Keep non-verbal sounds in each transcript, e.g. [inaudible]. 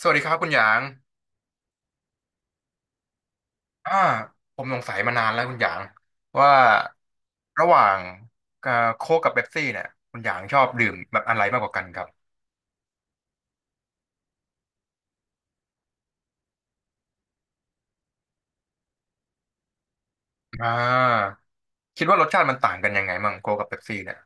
สวัสดีครับคุณหยางอ่าผมสงสัยมานานแล้วคุณหยางว่าระหว่างเอ่อโค้กกับเป๊ปซี่เนี่ยคุณหยางชอบดื่มแบบอะไรมากกว่ากันครับอ่าคิดว่ารสชาติมันต่างกันยังไงมั่งโค้กกับเป๊ปซี่เนี่ย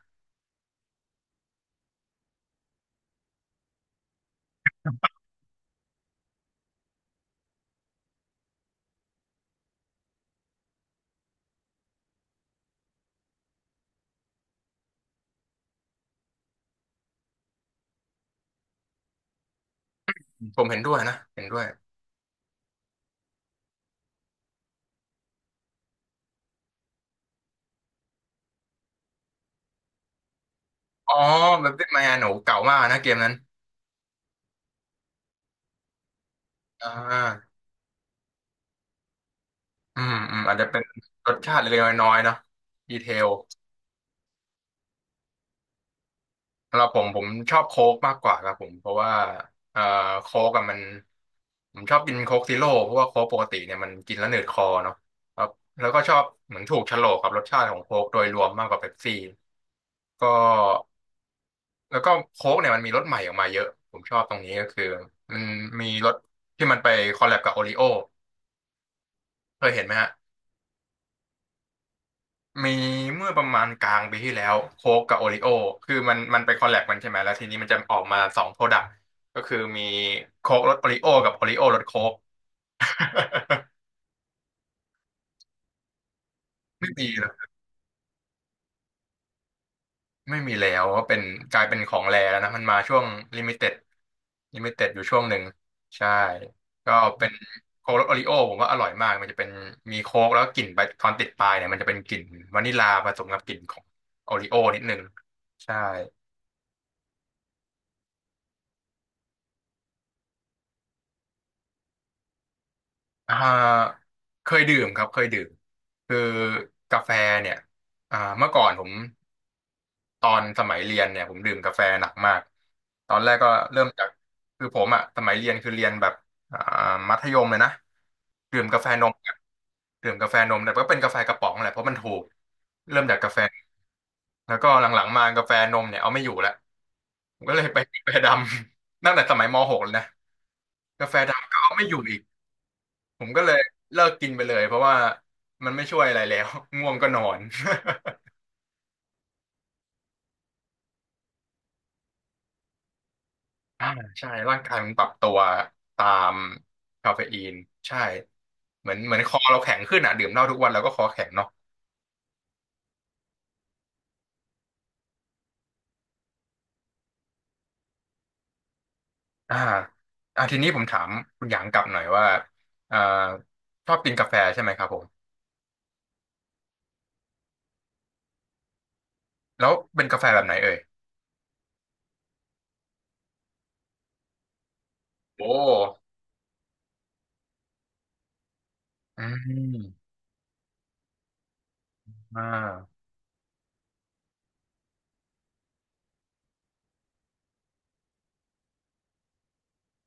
ผมเห็นด้วยนะเห็นด้วยอ๋อเป๊ปซี่มาโหนูเก่ามากนะเกมนั้นอ่าอืมอืมอาจจะเป็นรสชาติเล็กๆน้อยๆเนาะดีเทล สำหรับผมผมชอบโค้กมากกว่าครับผมเพราะว่าเอ่อโค้กอะมันผมชอบกินโค้กซีโร่เพราะว่าโค้กปกติเนี่ยมันกินแล้วหนืดคอเนาะครับแล้วก็ชอบเหมือนถูกโฉลกกับรสชาติของโค้กโดยรวมมากกว่าเป๊ปซี่ก็แล้วก็โค้กเนี่ยมันมีรสใหม่ออกมาเยอะผมชอบตรงนี้ก็คือมันมีรสที่มันไปคอลแลบกับโอริโอเคยเห็นไหมฮะ มีเมื่อประมาณกลางปีที่แล้วโค้กกับโอริโอคือมันไปคอลแลบกันใช่ไหมแล้วทีนี้มันจะออกมาสองโปรดักต์ก็คือมีโค้กรสโอริโอกับโอริโอรสโค้ก [laughs] ไม่มีแล้วไม่มีแล้วว่าเป็นกลายเป็นของแรแล้วนะมันมาช่วงลิมิเต็ดลิมิเต็ดอยู่ช่วงหนึ่งใช่ก็เป็นโค้กรสโอริโอผมว่าอร่อยมากมันจะเป็นมีโค้กแล้วกลิ่นไปตอนติดปลายเนี่ยมันจะเป็นกลิ่นวานิลาผสมกับกลิ่นของโอริโอนิดนึงใช่ อ่าเคยดื่มครับเคยดื่มคือกาแฟเนี่ยเมื่อก่อนผมตอนสมัยเรียนเนี่ยผมดื่มกาแฟหนักมากตอนแรกก็เริ่มจากคือผมอ่ะสมัยเรียนคือเรียนแบบอ่ามัธยมเลยนะดื่มกาแฟนมอะดื่มกาแฟนมแต่ก็เป็นกาแฟกระป๋องแหละเพราะมันถูกเริ่มจากกาแฟแล้วก็หลังๆมากาแฟนมเนี่ยเอาไม่อยู่แล้วผมก็เลยไป [laughs] กาแฟดำ [laughs] ตั้งแต่สมัยม .6 เลยนะกาแฟดำก็เอาไม่อยู่อีก ผมก็เลยเลิกกินไปเลยเพราะว่ามันไม่ช่วยอะไรแล้ว [laughs] ง่วงก็นอน [laughs] อ่า [laughs] ใช่ร่างกายมันปรับตัวตามคาเฟอีนใช่เหมือนคอเราแข็งขึ้นอ่ะดื่มเหล้าทุกวันเราก็คอแข็งเนาะอ่าทีนี้ผมถามคุณหยางกลับหน่อยว่าอ่าชอบกินกาแฟใช่ไหมครับผมแล้วเป็นกาแฟแบบไหนเอ่ยโอ้อืมอ่า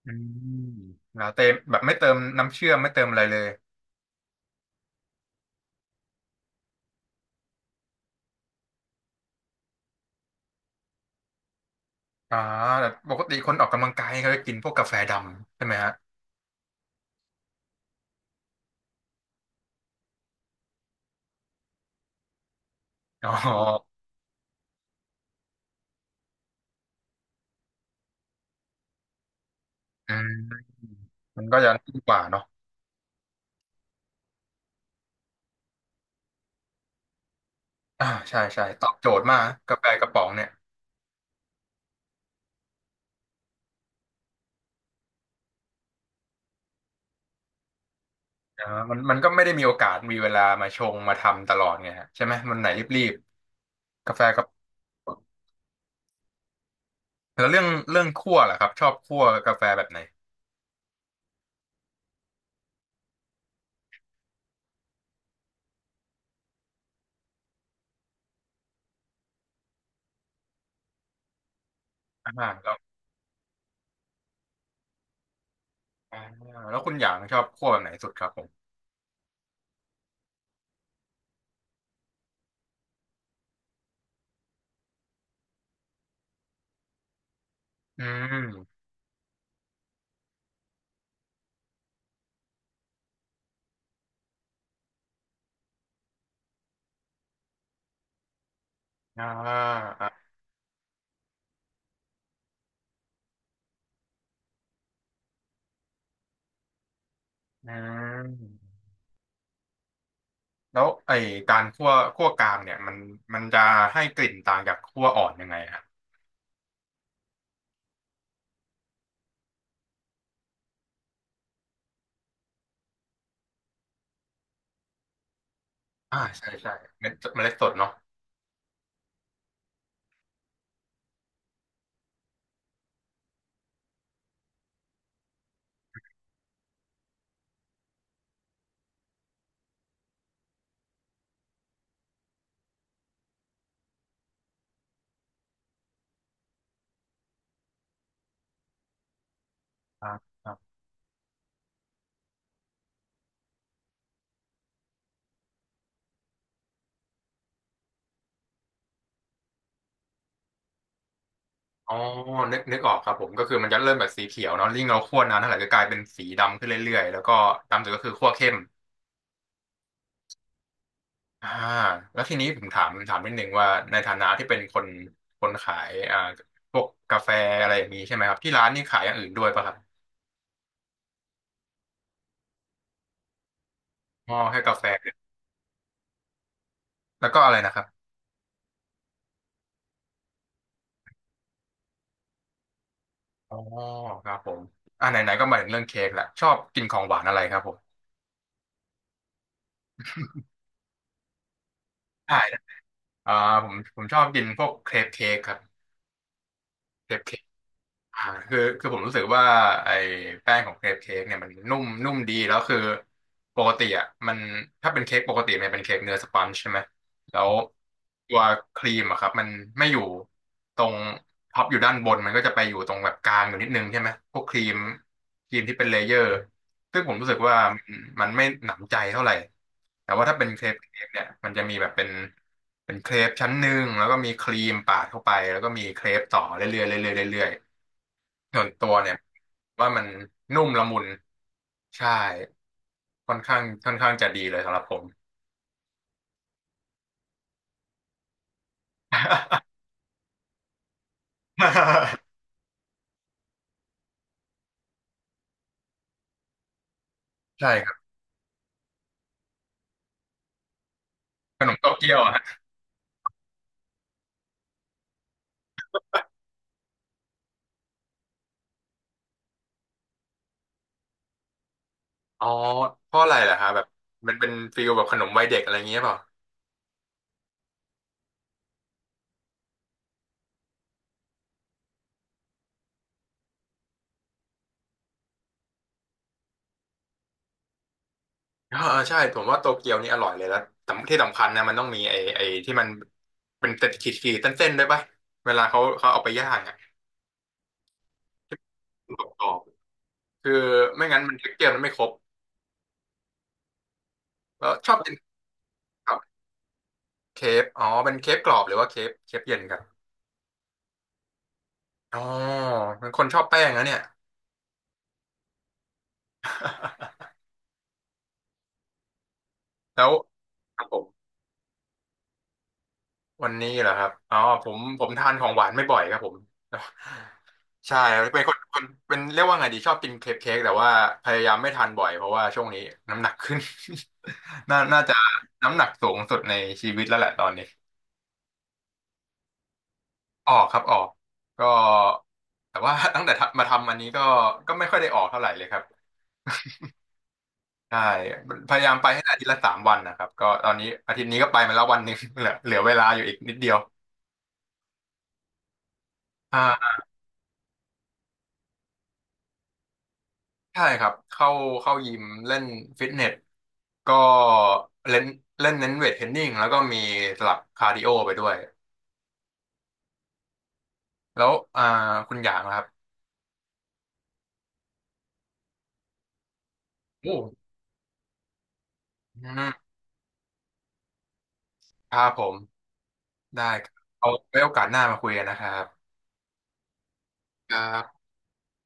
อืมลาเต้แบบไม่เติมน้ำเชื่อมไม่เติมอะไรเลย อ่าแต่ปกติคนออกกำลังกายเขาจะกินพวกกาแฟดำใช่ไหมฮะอ๋ออืมมันก็จะดีกว่าเนาะใช่ใช่ตอบโจทย์มากกาแฟกระป๋องเนี่ยอ่ามันมันก็ไม่ได้มีโอกาสมีเวลามาชงมาทำตลอดไงฮะใช่ไหมมันไหนรีบๆกาแฟกระป๋องแล้วเรื่องเรื่องคั่วล่ะครับชอบคั่วกาแฟแบบไหนแล้วอ่าแล้วคุณอย่างชอบคั่วแบบไหนสุดครับผมอืมอ่าอ่าอืม แล้วไอการคั่วคั่วกลางเนี่ยมันจะให้กลิ่นต่างจากคั่วอ่อนยังไงครับอ่าใช่ใช่เมล็ดสดเนาะครับครับอ๋อนึกนึกออกครับผมก็คือมันจะเริ่มแบบสีเขียวเนาะยิ่งเราคั่วนานเท่าไหร่ก็กลายเป็นสีดำขึ้นเรื่อยๆแล้วก็ดำสุดก็คือคั่วเข้มอ่าแล้วทีนี้ผมถามถามนิดนึงว่าในฐานะที่เป็นคนคนขายพวกกาแฟอะไรอย่างนี้ใช่ไหมครับที่ร้านนี่ขายอย่างอื่นด้วยป่ะครับอ๋อแค่กาแฟแล้วก็อะไรนะครับ อ๋อครับผมไหนๆก็มาถึงเรื่องเค้กแหละชอบกินของหวานอะไรครับผมได้นะอ่าผมผมชอบกินพวกเครปเค้กครับเครปเคก อ่าคือคือผมรู้สึกว่าไอ้แป้งของเครปเค้กเนี่ยมันนุ่มนุ่มดีแล้วคือปกติอ่ะมันถ้าเป็นเค้กปกติมันเป็นเค้กเนื้อสปันจ์ใช่ไหมแล้วตัวครีมอะครับมันไม่อยู่ตรงท็อปอยู่ด้านบนมันก็จะไปอยู่ตรงแบบกลางอยู่นิดนึงใช่ไหมพวกครีมที่เป็นเลเยอร์ซึ่งผมรู้สึกว่ามันไม่หนำใจเท่าไหร่แต่ว่าถ้าเป็นเครปเค้กเนี่ยมันจะมีแบบเป็นเป็นเครปชั้นหนึ่งแล้วก็มีครีมปาดเข้าไปแล้วก็มีเครปต่อเรื่อยๆเรื่อยๆเรื่อยๆ ส่วนตัวเนี่ยว่ามันนุ่มละมุนใช่ค่อนข้างค่อนข้างจะดีเลยสำหรับผม [laughs] ใช่ครับขนมโตเกียวอะฮะอ๋อเพราะอะไรล่ะฮะแบบมันเป็นฟีลแบบขนมวัยเด็กอะไรอย่างเงี้ยเปล่าเออเออใช่ผมว่าโตเกียวนี่อร่อยเลยแล้วสำที่สำคัญนะมันต้องมีไอ้ที่มันเป็นเต็ดขีดขีดเส้นๆด้วยป่ะเวลาเขาเอาไปย่างอ่ะกรอบๆคือไม่งั้นมันเท็กเจอร์มันไม่ครบแล้วชอบกินครับเคฟอ๋อเป็นเคฟกรอบหรือว่าเคฟเคฟเย็นครับ อ๋อเป็นคนชอบแป้งนะเนี่ย [laughs] แล้วครับผมวันนี้เหรอครับอ๋อผมผมทานของหวานไม่บ่อยครับผมใช่เป็นคนคนเป็นเรียกว่าไงดีชอบกินเคปเค้กแต่ว่าพยายามไม่ทานบ่อยเพราะว่าช่วงนี้น้ำหนักขึ้น [laughs] น่าน่าจะน้ำหนักสูงสุดในชีวิตแล้วแหละตอนนี้ออกครับออกก็แต่ว่า [laughs] ตั้งแต่ทำมาทำอันนี้ก็ก็ไม่ค่อยได้ออกเท่าไหร่เลยครับ ใช่พยายามไปให้ได้อาทิตย์ละสามวันนะครับก็ตอนนี้อาทิตย์นี้ก็ไปมาแล้ววันหนึ่ง [laughs] เหลือเวลาอยู่อีกนิดเดียวอ่าใช่ครับเข้าเข้ายิมเล่นฟิตเนสก็เล่นเล่นเน้นเวทเทรนนิ่งแล้วก็มีสลับคาร์ดิโอไปด้วย แล้วคุณหยางนะครับโอ้อืมครับผม ได้ครับ เอาไว้โอกาสหน้ามาคุยกันนะครับครับ